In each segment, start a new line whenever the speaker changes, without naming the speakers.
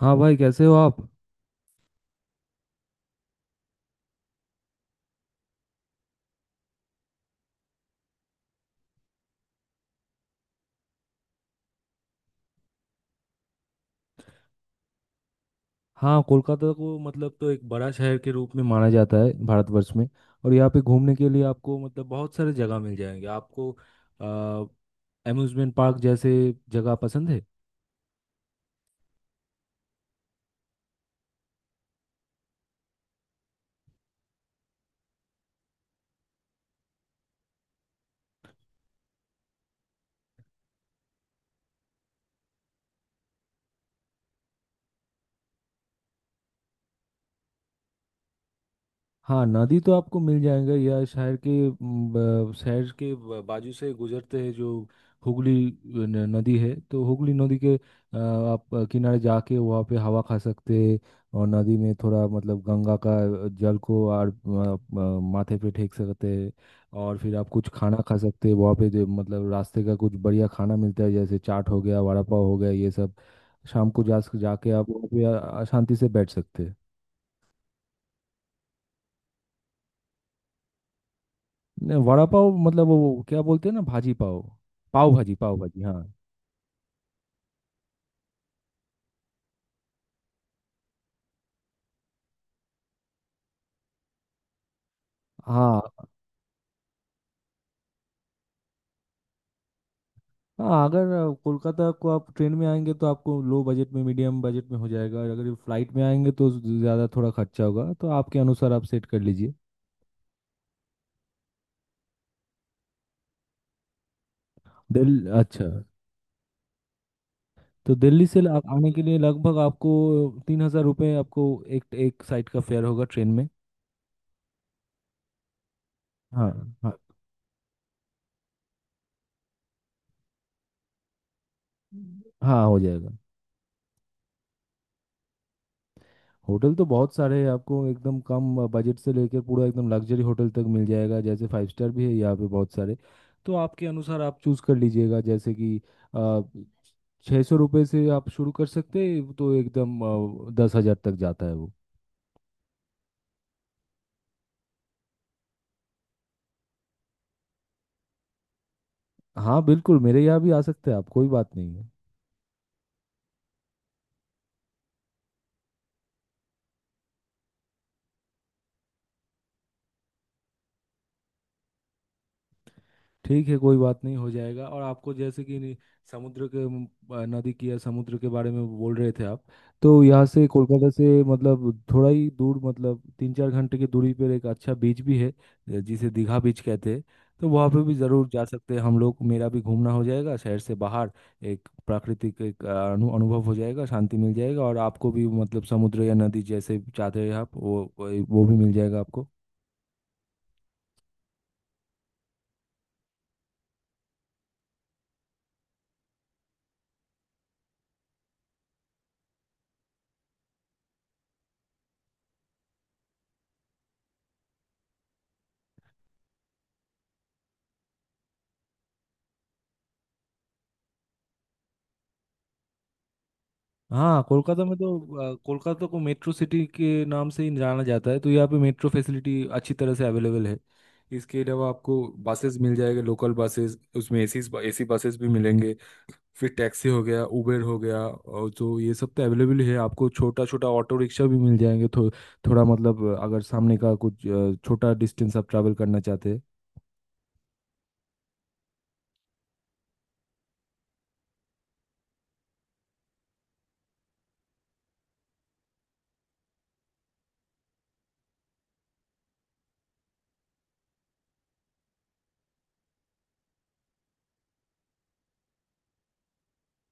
हाँ भाई, कैसे हो आप। हाँ, कोलकाता को मतलब तो एक बड़ा शहर के रूप में माना जाता है भारतवर्ष में। और यहाँ पे घूमने के लिए आपको मतलब बहुत सारे जगह मिल जाएंगे आपको। अम्यूज़मेंट पार्क जैसे जगह पसंद है। हाँ, नदी तो आपको मिल जाएगा या शहर के म, ब- शहर के ब- बाजू से गुजरते हैं जो हुगली नदी है। तो हुगली नदी के आप किनारे जाके वहाँ पे हवा खा सकते हैं। और नदी में थोड़ा मतलब गंगा का जल को और माथे पे फेंक सकते हैं। और फिर आप कुछ खाना खा सकते हैं वहाँ पे जो मतलब रास्ते का कुछ बढ़िया खाना मिलता है, जैसे चाट हो गया, वड़ा पाव हो गया, ये सब। शाम को जा जाके आप वहाँ पे शांति से बैठ सकते हैं। नहीं, वड़ा पाव मतलब वो क्या बोलते हैं ना, भाजी पाव। पाव भाजी, पाव भाजी। हाँ हाँ। हाँ, अगर कोलकाता को आप ट्रेन में आएंगे तो आपको लो बजट में, मीडियम बजट में हो जाएगा, और अगर फ्लाइट में आएंगे तो ज़्यादा थोड़ा खर्चा होगा, तो आपके अनुसार आप सेट कर लीजिए। दिल अच्छा। तो दिल्ली से आने के लिए लगभग आपको 3,000 रुपये आपको एक एक साइड का फेयर होगा ट्रेन में। हाँ, हाँ, हाँ। हो जाएगा। होटल तो बहुत सारे हैं, आपको एकदम कम बजट से लेकर पूरा एकदम लग्जरी होटल तक मिल जाएगा, जैसे फाइव स्टार भी है यहाँ पे बहुत सारे। तो आपके अनुसार आप चूज़ कर लीजिएगा, जैसे कि 600 रुपये से आप शुरू कर सकते हैं, तो एकदम 10,000 तक जाता है वो। हाँ, बिल्कुल, मेरे यहाँ भी आ सकते हैं आप, कोई बात नहीं है। ठीक है, कोई बात नहीं, हो जाएगा। और आपको जैसे कि नि- समुद्र के म, अ, नदी की या समुद्र के बारे में बोल रहे थे आप। तो यहाँ से कोलकाता से मतलब थोड़ा ही दूर, मतलब 3-4 घंटे की दूरी पर एक अच्छा बीच भी है, जिसे दीघा बीच कहते हैं। तो वहाँ पे भी ज़रूर जा सकते हैं हम लोग, मेरा भी घूमना हो जाएगा शहर से बाहर। एक प्राकृतिक एक अ, अनु अनुभव हो जाएगा, शांति मिल जाएगा, और आपको भी मतलब समुद्र या नदी जैसे चाहते हैं आप, वो भी मिल जाएगा आपको। हाँ, कोलकाता में तो अ, कोलकाता को मेट्रो सिटी के नाम से ही जाना जाता है, तो यहाँ पे मेट्रो फैसिलिटी अच्छी तरह से अवेलेबल है। इसके अलावा आपको बसेस मिल जाएगा, लोकल बसेस, उसमें एसी एसी बसेस भी मिलेंगे। फिर टैक्सी हो गया, उबेर हो गया, और तो ये सब तो अवेलेबल है, आपको छोटा छोटा ऑटो रिक्शा भी मिल जाएंगे। थोड़ा मतलब अगर सामने का कुछ छोटा डिस्टेंस आप ट्रैवल करना चाहते हैं।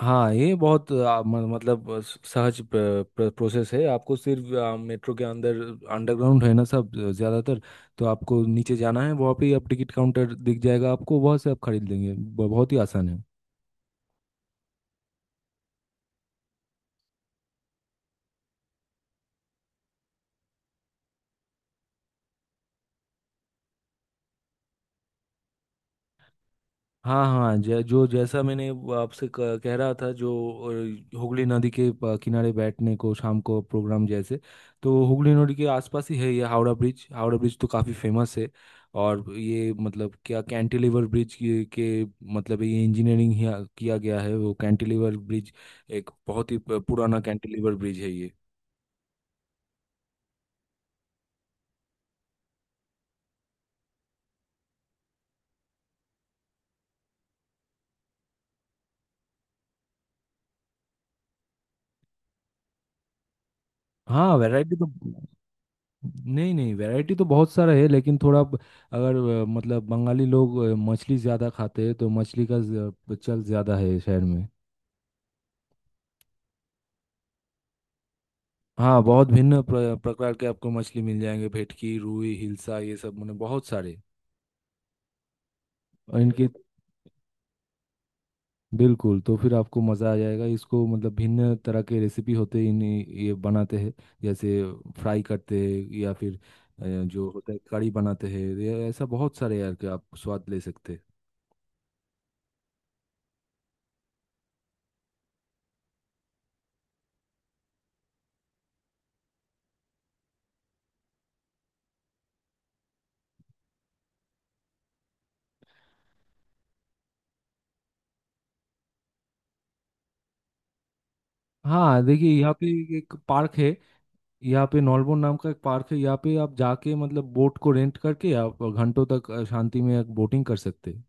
हाँ, ये बहुत आ, म- मतलब आ, स- सहज प्रोसेस है। आपको सिर्फ मेट्रो के अंदर, अंडरग्राउंड है ना सब, ज़्यादातर। तो आपको नीचे जाना है, वहाँ पे ही आप टिकट काउंटर दिख जाएगा आपको, वहाँ से आप खरीद लेंगे, बहुत ही आसान है। हाँ हाँ, जै, जो जैसा मैंने वो आपसे कह रहा था, जो हुगली नदी के किनारे बैठने को शाम को प्रोग्राम जैसे। तो हुगली नदी के आसपास ही है ये हावड़ा ब्रिज। हावड़ा ब्रिज तो काफ़ी फेमस है, और ये मतलब क्या कैंटिलीवर ब्रिज के मतलब ये इंजीनियरिंग किया गया है वो, कैंटिलीवर ब्रिज, एक बहुत ही पुराना कैंटिलीवर ब्रिज है ये। हाँ, वैरायटी तो। नहीं नहीं, वैरायटी तो बहुत सारा है, लेकिन थोड़ा ब- अगर अ, मतलब बंगाली लोग मछली ज़्यादा खाते हैं, तो मछली का चल ज़्यादा है शहर में। हाँ, बहुत भिन्न प्रकार के आपको मछली मिल जाएंगे, भेटकी, रुई, हिल्सा, ये सब मतलब बहुत सारे। और इनके बिल्कुल, तो फिर आपको मज़ा आ जाएगा इसको, मतलब भिन्न तरह के रेसिपी होते हैं इन, ये बनाते हैं, जैसे फ्राई करते हैं, या फिर जो होता है कड़ी बनाते हैं, ये ऐसा बहुत सारे यार के आप स्वाद ले सकते हैं। हाँ, देखिए यहाँ पे एक पार्क है, यहाँ पे नॉलबोन नाम का एक पार्क है, यहाँ पे आप जाके मतलब बोट को रेंट करके आप घंटों तक शांति में बोटिंग कर सकते हैं।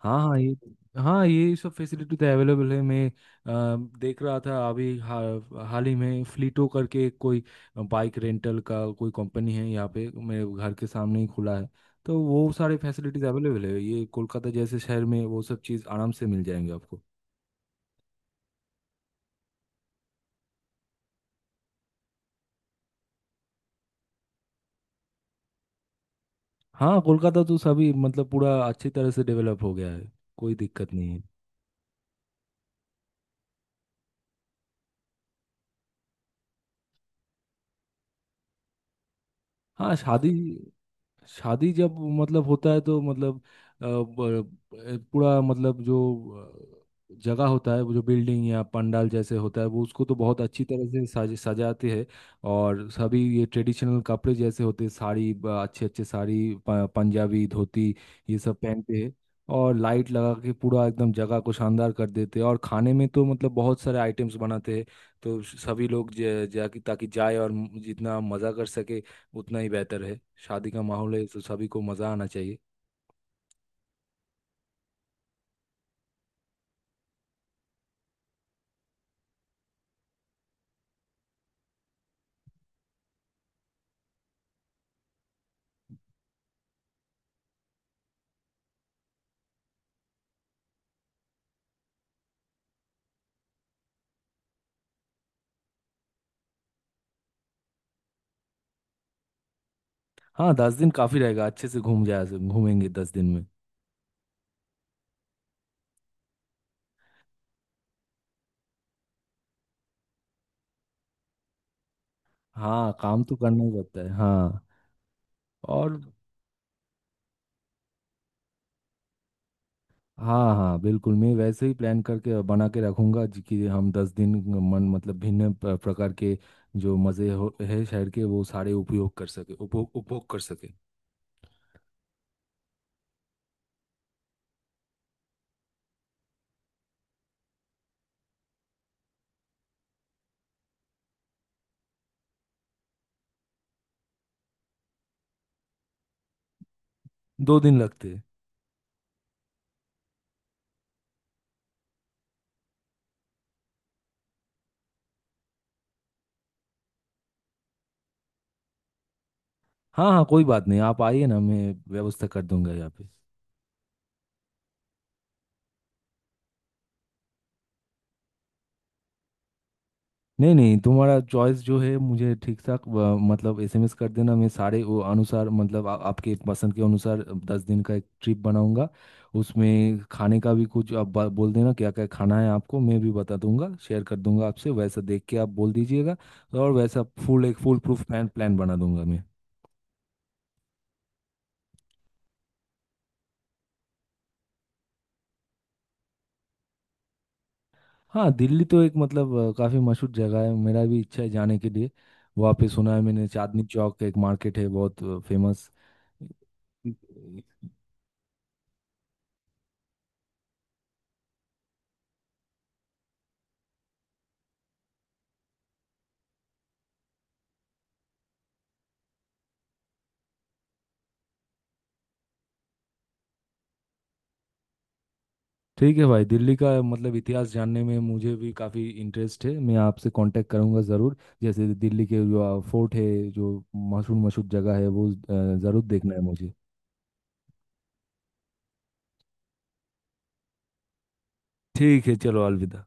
हाँ हाँ, ये। हाँ, ये सब फैसिलिटी तो अवेलेबल है, मैं देख रहा था अभी हाल ही में फ्लीटो करके कोई बाइक रेंटल का कोई कंपनी है यहाँ पे, मेरे घर के सामने ही खुला है। तो वो सारे फैसिलिटीज अवेलेबल है, ये कोलकाता जैसे शहर में वो सब चीज़ आराम से मिल जाएंगे आपको। हाँ, कोलकाता तो सभी मतलब पूरा अच्छी तरह से डेवलप हो गया है, कोई दिक्कत नहीं है। हाँ, शादी। शादी जब मतलब होता है तो मतलब अ, ब- पूरा मतलब जो जगह होता है, वो जो बिल्डिंग या पंडाल जैसे होता है वो, उसको तो बहुत अच्छी तरह से सज सजाते हैं। और सभी ये ट्रेडिशनल कपड़े जैसे होते हैं, साड़ी, अच्छे अच्छे साड़ी, पंजाबी, धोती, ये सब पहनते हैं। और लाइट लगा के पूरा एकदम जगह को शानदार कर देते हैं, और खाने में तो मतलब बहुत सारे आइटम्स बनाते हैं। तो सभी लोग जा ताकि जाए, और जितना मज़ा कर सके उतना ही बेहतर है, शादी का माहौल है तो सभी को मजा आना चाहिए। हाँ, 10 दिन काफी रहेगा, अच्छे से घूमेंगे 10 दिन में। हाँ, काम तो करना ही पड़ता है। हाँ। और। हाँ हाँ, बिल्कुल। मैं वैसे ही प्लान करके बना के रखूंगा जी, कि हम 10 दिन मन मतलब भिन्न प्रकार के जो मज़े हो है शहर के, वो सारे उपयोग कर सके, उपभोग उपभोग कर सके। 2 दिन लगते हैं। हाँ हाँ, कोई बात नहीं, आप आइए ना, मैं व्यवस्था कर दूंगा यहाँ पे। नहीं नहीं, तुम्हारा चॉइस जो है मुझे ठीक ठाक, मतलब एसएमएस कर देना, मैं सारे वो अनुसार मतलब आपके पसंद के अनुसार 10 दिन का एक ट्रिप बनाऊंगा। उसमें खाने का भी कुछ आप बोल देना क्या क्या खाना है आपको, मैं भी बता दूंगा, शेयर कर दूंगा आपसे, वैसा देख के आप बोल दीजिएगा। और वैसा फुल एक फुल प्रूफ प्लान प्लान बना दूंगा मैं। हाँ, दिल्ली तो एक मतलब काफी मशहूर जगह है, मेरा भी इच्छा है जाने के लिए। वहाँ पे सुना है मैंने चांदनी चौक का एक मार्केट है बहुत फेमस। ठीक है भाई, दिल्ली का मतलब इतिहास जानने में मुझे भी काफ़ी इंटरेस्ट है, मैं आपसे कांटेक्ट करूंगा ज़रूर। जैसे दिल्ली के जो फोर्ट है, जो मशहूर मशहूर जगह है, वो ज़रूर देखना है मुझे। ठीक है, चलो, अलविदा।